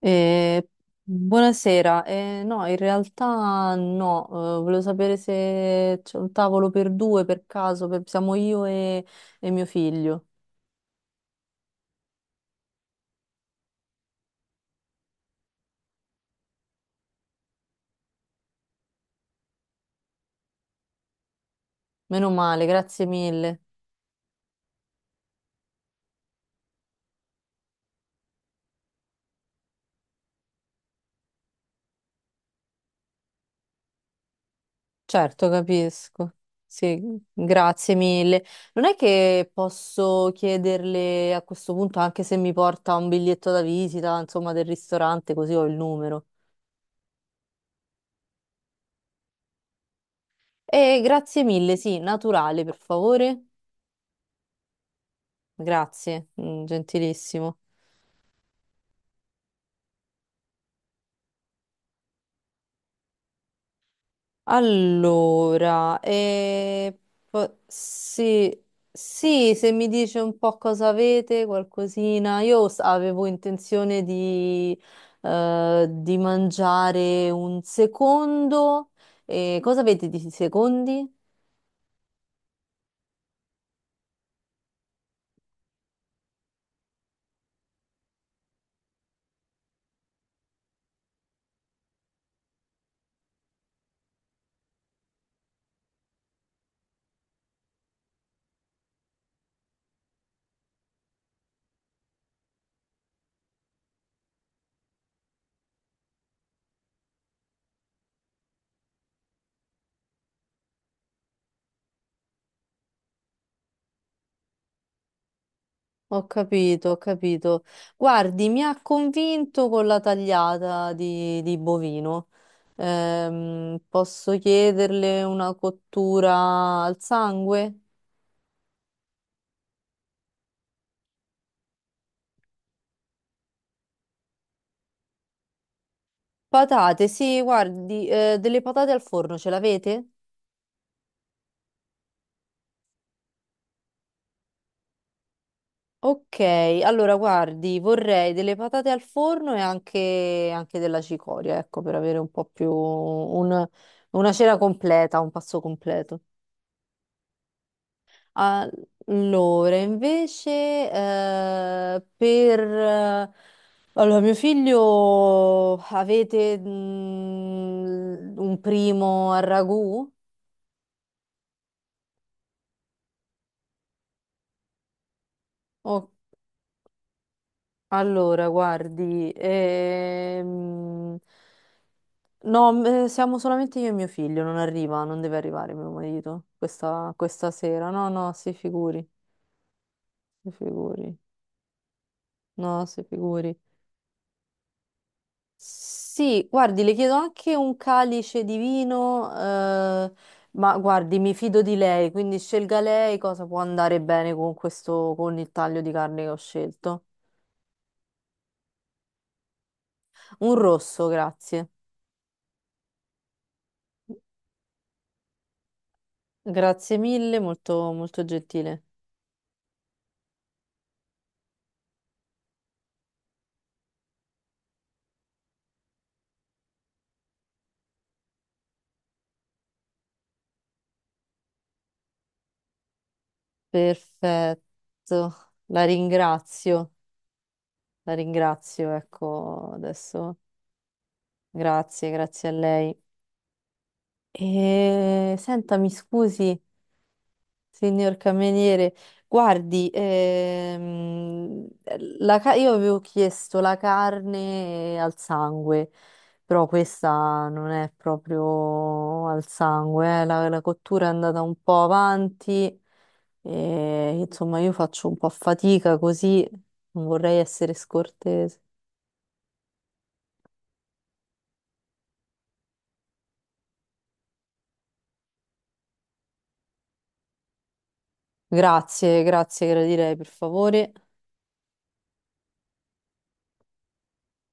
Eh, buonasera. No, in realtà no. Volevo sapere se c'è un tavolo per due per caso, siamo io e mio figlio. Meno male, grazie mille. Certo, capisco. Sì, grazie mille. Non è che posso chiederle a questo punto anche se mi porta un biglietto da visita, insomma, del ristorante, così ho il numero. E grazie mille, sì, naturale, per favore. Grazie, mm, gentilissimo. Allora, sì, sì, se mi dice un po' cosa avete, qualcosina, avevo intenzione di mangiare un secondo. Cosa avete di secondi? Ho capito, ho capito. Guardi, mi ha convinto con la tagliata di bovino. Posso chiederle una cottura al sangue? Patate, sì, guardi, delle patate al forno ce l'avete? Ok, allora guardi, vorrei delle patate al forno e anche, anche della cicoria, ecco, per avere un po' una cena completa, un pasto completo. Allora, invece, allora, mio figlio, avete mm, un primo al ragù? Allora, guardi, no, siamo solamente io e mio figlio, non arriva, non deve arrivare mio marito questa, questa sera. No, no, si figuri, no, si figuri. Sì, guardi, le chiedo anche un calice di vino, ma guardi, mi fido di lei, quindi scelga lei cosa può andare bene con questo, con il taglio di carne che ho scelto. Un rosso, grazie. Grazie mille, molto, molto gentile. Perfetto, la ringrazio, la ringrazio, ecco, adesso grazie, grazie a lei. E senta, mi scusi, signor cameriere, guardi, io avevo chiesto la carne al sangue, però questa non è proprio al sangue, eh. La, la cottura è andata un po' avanti, e, insomma io faccio un po' fatica così, non vorrei essere scortese. Grazie, grazie, gradirei, per favore.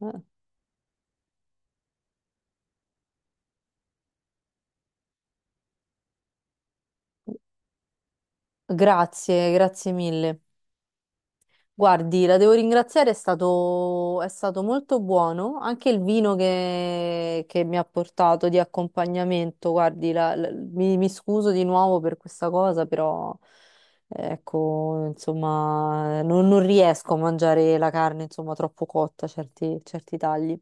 Eh, Grazie, grazie mille. Guardi, la devo ringraziare, è stato molto buono. Anche il vino che mi ha portato di accompagnamento, guardi, mi, mi scuso di nuovo per questa cosa, però ecco, insomma, non, non riesco a mangiare la carne, insomma, troppo cotta, certi, certi tagli.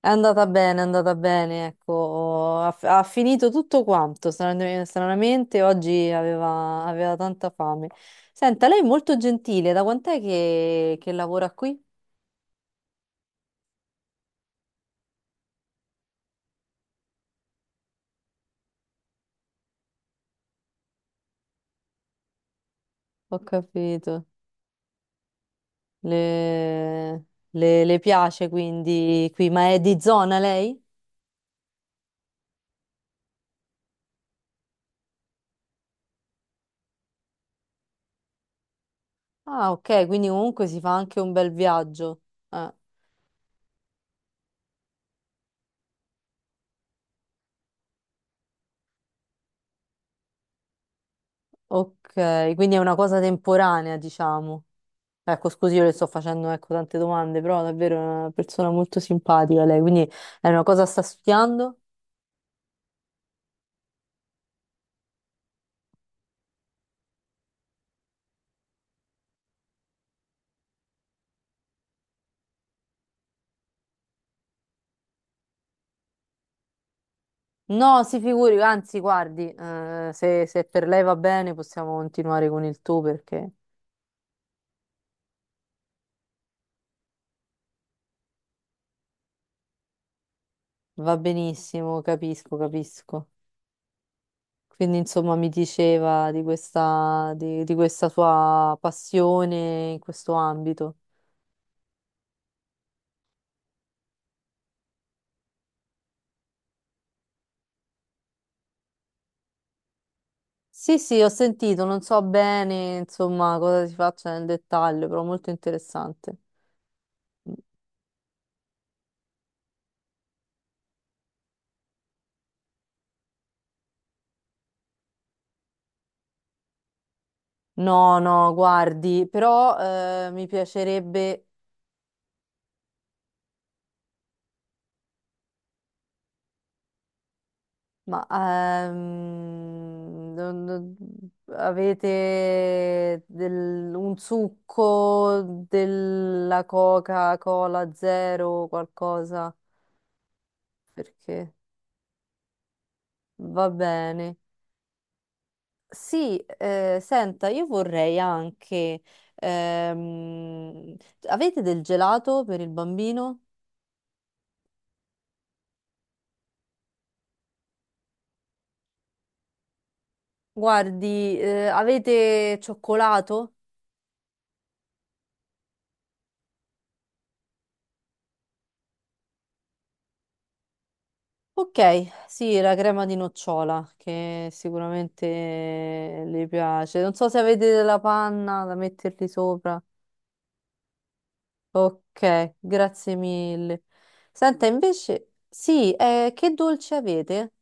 È andata bene, ecco, ha, ha finito tutto quanto, stranamente, oggi aveva, aveva tanta fame. Senta, lei è molto gentile, da quant'è che lavora qui? Ho capito, le, le piace quindi qui, ma è di zona lei? Ah, ok, quindi comunque si fa anche un bel viaggio. Ah, ok, quindi è una cosa temporanea, diciamo. Ecco, scusi, io le sto facendo, ecco, tante domande, però davvero è una persona molto simpatica lei, quindi è una cosa sta studiando? No, si figuri, anzi, guardi, se, se per lei va bene possiamo continuare con il tu perché va benissimo, capisco, capisco. Quindi, insomma, mi diceva di questa sua passione in questo ambito. Sì, sì, ho sentito, non so bene, insomma, cosa si faccia nel dettaglio, però molto interessante. No, no, guardi, però mi piacerebbe, ma avete un succo della Coca-Cola zero qualcosa? Perché va bene. Sì, senta, io vorrei anche, ehm, avete del gelato per il bambino? Guardi, avete cioccolato? Ok, sì, la crema di nocciola che sicuramente le piace. Non so se avete della panna da metterli sopra. Ok, grazie mille. Senta, invece, sì, che dolce avete?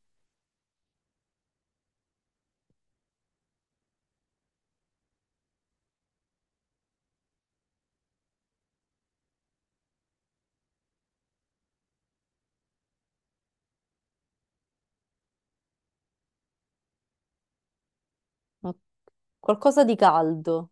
Oh, qualcosa di caldo.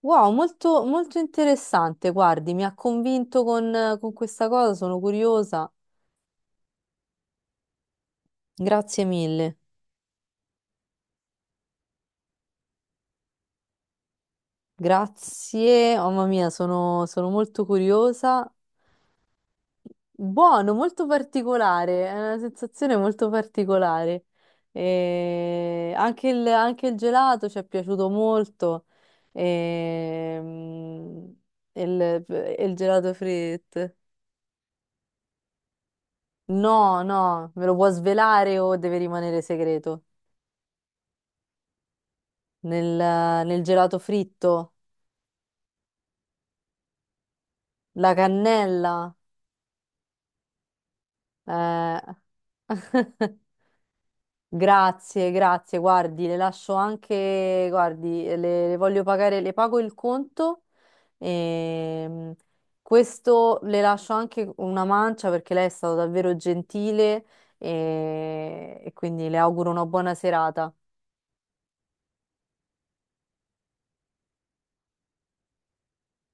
Wow, molto, molto interessante. Guardi, mi ha convinto con questa cosa, sono curiosa. Grazie mille. Grazie, oh, mamma mia, sono sono molto curiosa. Buono, molto particolare, è una sensazione molto particolare. E anche il gelato ci è piaciuto molto. Ehm, il, il gelato fritto. No, no, me lo può svelare o deve rimanere segreto? Nel, nel gelato fritto, la cannella. eh, Grazie, grazie, guardi, le lascio anche, guardi, le voglio pagare, le pago il conto. Ehm, questo le lascio anche una mancia perché lei è stata davvero gentile e quindi le auguro una buona serata.